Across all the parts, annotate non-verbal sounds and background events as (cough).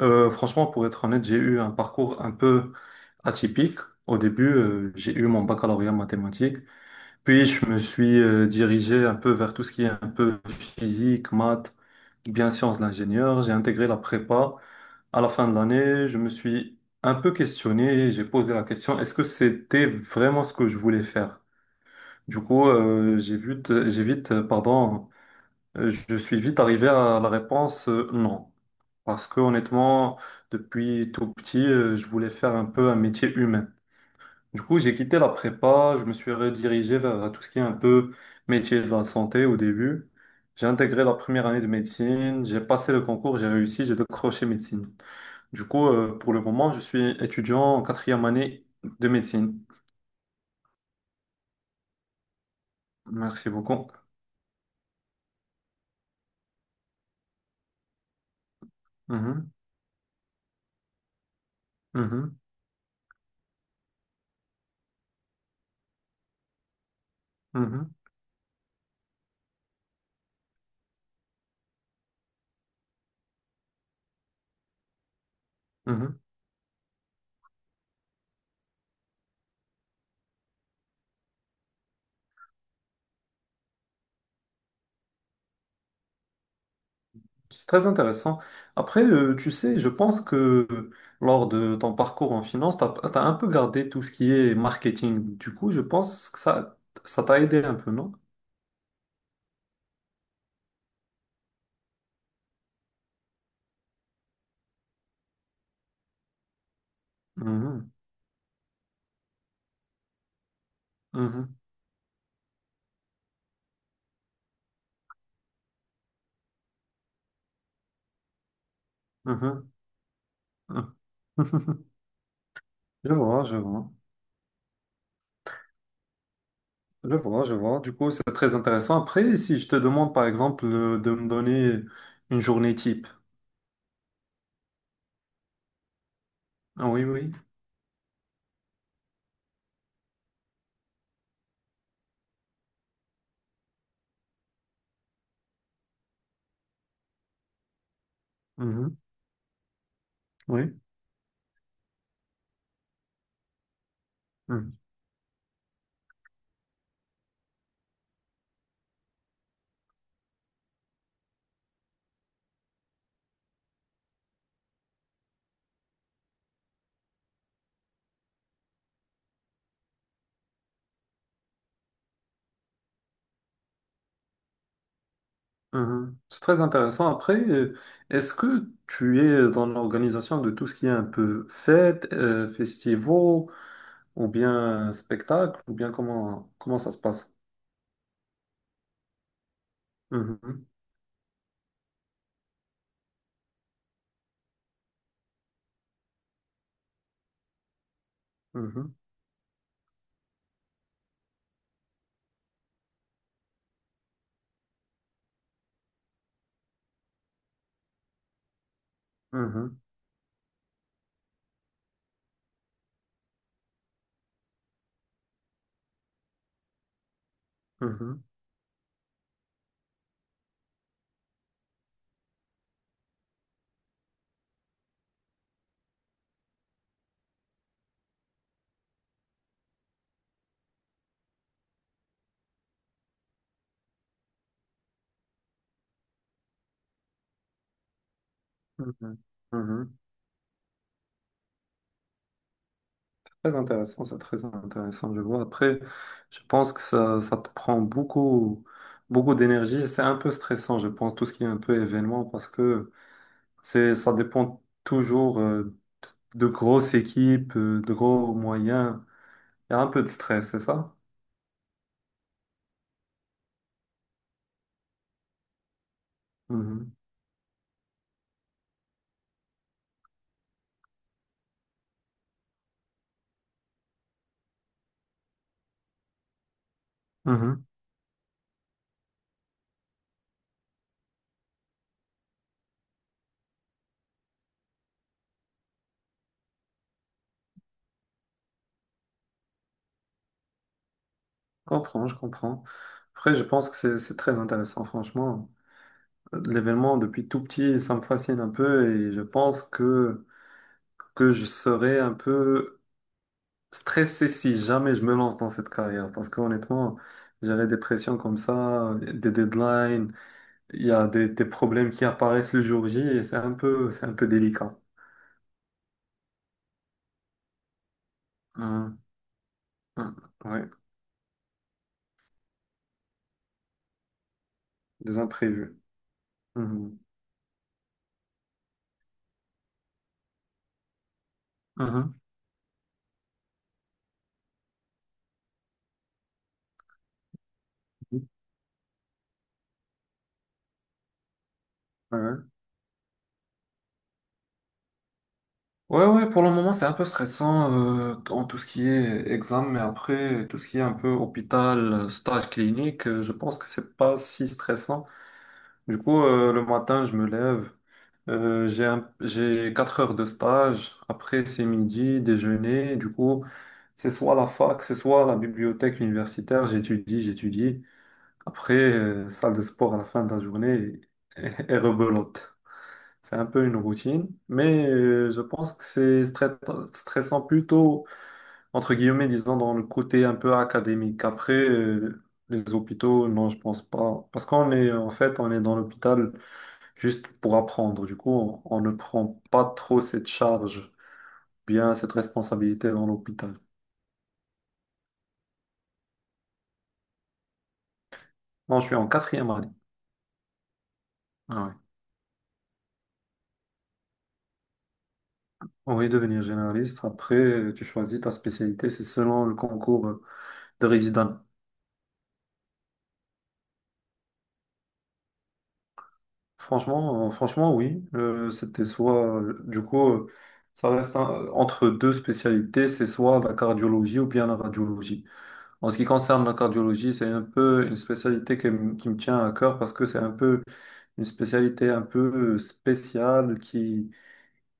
Franchement, pour être honnête, j'ai eu un parcours un peu atypique. Au début, j'ai eu mon baccalauréat en mathématiques, puis je me suis dirigé un peu vers tout ce qui est un peu physique, maths, bien sciences de l'ingénieur. J'ai intégré la prépa. À la fin de l'année, je me suis un peu questionné, j'ai posé la question, est-ce que c'était vraiment ce que je voulais faire? Du coup, je suis vite arrivé à la réponse non. Parce que honnêtement, depuis tout petit, je voulais faire un peu un métier humain. Du coup, j'ai quitté la prépa, je me suis redirigé vers tout ce qui est un peu métier de la santé au début. J'ai intégré la première année de médecine, j'ai passé le concours, j'ai réussi, j'ai décroché médecine. Du coup, pour le moment, je suis étudiant en quatrième année de médecine. Merci beaucoup. Mhm, mhm, mhm, mhm. C'est très intéressant. Après, tu sais, je pense que lors de ton parcours en finance, tu as, un peu gardé tout ce qui est marketing. Du coup, je pense que ça t'a aidé un peu, non? Mhm, mhm, mhm, mhm. (laughs) Je vois, je vois. Je vois, je vois. Du coup, c'est très intéressant. Après, si je te demande, par exemple, de me donner une journée type. Ah oui, oui. Mhm. Oui. Mhm. Mhm. C'est très intéressant. Après, est-ce que tu es dans l'organisation de tout ce qui est un peu fête, festivals, ou bien spectacle, ou bien comment ça se passe? Mhm. Mhm. Mhm. Mhm. Mhm. Mhm. C'est très intéressant, c'est très intéressant, je vois. Après, je pense que ça te prend beaucoup, beaucoup d'énergie. C'est un peu stressant, je pense, tout ce qui est un peu événement, parce que ça dépend toujours de grosses équipes, de gros moyens. Il y a un peu de stress, c'est ça? Mhm. Mhm. Je comprends, je comprends. Après, je pense que c'est très intéressant, franchement. L'événement, depuis tout petit, ça me fascine un peu et je pense que je serais un peu stressé si jamais je me lance dans cette carrière. Parce qu'honnêtement, gérer des pressions comme ça, des deadlines, il y a des problèmes qui apparaissent le jour J et c'est un peu délicat. Mhm. Mhm. Ouais, des imprévus. Mhm. Mhm. Ouais, ouais, ouais, pour le moment, c'est un peu stressant en tout ce qui est examen, mais après, tout ce qui est un peu hôpital, stage clinique, je pense que c'est pas si stressant. Du coup, le matin, je me lève, j'ai 4 heures de stage, après, c'est midi, déjeuner, du coup, c'est soit la fac, c'est soit la bibliothèque universitaire, j'étudie, j'étudie, après, salle de sport à la fin de la journée et, (laughs) et rebelote. C'est un peu une routine, mais je pense que c'est stressant plutôt, entre guillemets, disons, dans le côté un peu académique. Après, les hôpitaux, non, je pense pas. Parce qu'on est, en fait, on est dans l'hôpital juste pour apprendre. Du coup, on ne prend pas trop cette charge, bien cette responsabilité dans l'hôpital. Non, je suis en quatrième année. Ah ouais. Oui, devenir généraliste. Après, tu choisis ta spécialité, c'est selon le concours de résident. Franchement, oui. C'était soit, du coup, entre deux spécialités, c'est soit la cardiologie ou bien la radiologie. En ce qui concerne la cardiologie, c'est un peu une spécialité qui me tient à cœur parce que c'est un peu une spécialité un peu spéciale qui,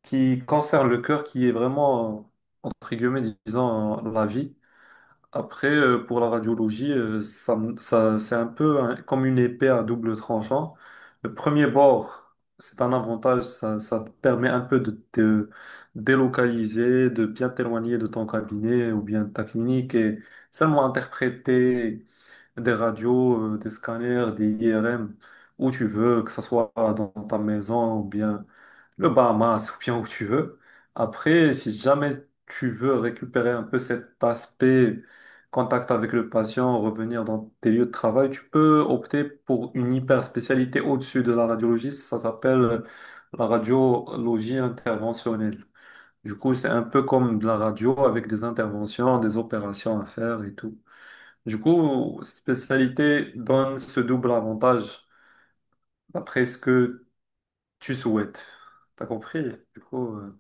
qui concerne le cœur, qui est vraiment, entre guillemets, disons, la vie. Après, pour la radiologie, c'est un peu hein, comme une épée à double tranchant. Le premier bord, c'est un avantage, ça te permet un peu de te délocaliser, de bien t'éloigner de ton cabinet ou bien de ta clinique et seulement interpréter des radios, des scanners, des IRM où tu veux, que ce soit dans ta maison ou bien le Bahamas ou bien où tu veux. Après, si jamais tu veux récupérer un peu cet aspect contact avec le patient, revenir dans tes lieux de travail, tu peux opter pour une hyper spécialité au-dessus de la radiologie. Ça s'appelle la radiologie interventionnelle. Du coup, c'est un peu comme de la radio avec des interventions, des opérations à faire et tout. Du coup, cette spécialité donne ce double avantage d'après ce que tu souhaites. T'as compris? Du coup.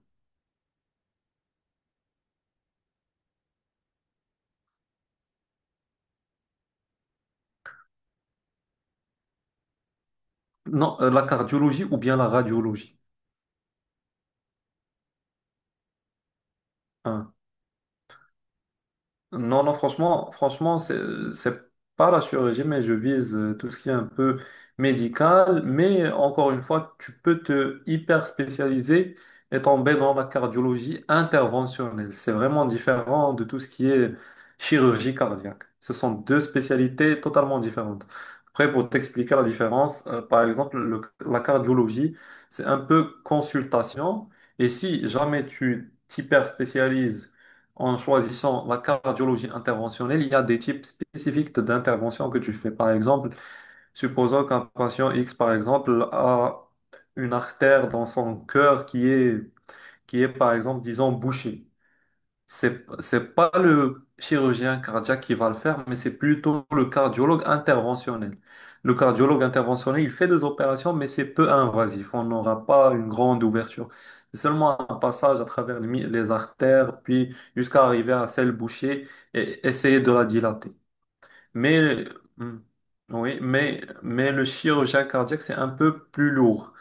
Non, la cardiologie ou bien la radiologie. Hein. Non, non, franchement, franchement, c'est pas la chirurgie, mais je vise tout ce qui est un peu médical. Mais encore une fois, tu peux te hyper spécialiser et tomber dans la cardiologie interventionnelle. C'est vraiment différent de tout ce qui est chirurgie cardiaque. Ce sont deux spécialités totalement différentes. Après, pour t'expliquer la différence, par exemple, la cardiologie, c'est un peu consultation. Et si jamais tu t'hyper spécialises en choisissant la cardiologie interventionnelle, il y a des types spécifiques d'intervention que tu fais. Par exemple, supposons qu'un patient X, par exemple, a une artère dans son cœur qui est, par exemple, disons, bouchée. C'est pas le chirurgien cardiaque qui va le faire, mais c'est plutôt le cardiologue interventionnel. Le cardiologue interventionnel, il fait des opérations, mais c'est peu invasif. On n'aura pas une grande ouverture. C'est seulement un passage à travers les artères, puis jusqu'à arriver à celle bouchée et essayer de la dilater. Mais, hmm, oui, mais le chirurgien cardiaque, c'est un peu plus lourd.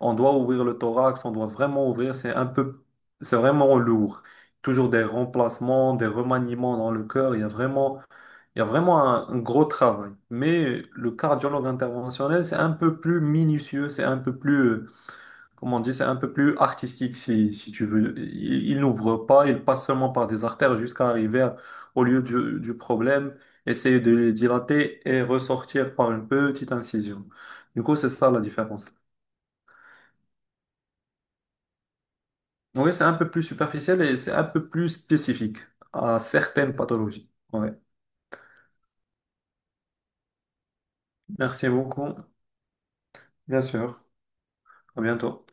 On doit ouvrir le thorax, on doit vraiment ouvrir, c'est vraiment lourd. Toujours des remplacements, des remaniements dans le cœur, il y a vraiment un gros travail. Mais le cardiologue interventionnel, c'est un peu plus minutieux, c'est un peu plus, comment on dit, c'est un peu plus artistique si tu veux. Il n'ouvre pas, il passe seulement par des artères jusqu'à arriver au lieu du problème, essayer de le dilater et ressortir par une petite incision. Du coup, c'est ça la différence. Oui, c'est un peu plus superficiel et c'est un peu plus spécifique à certaines pathologies. Ouais. Merci beaucoup. Bien sûr. À bientôt.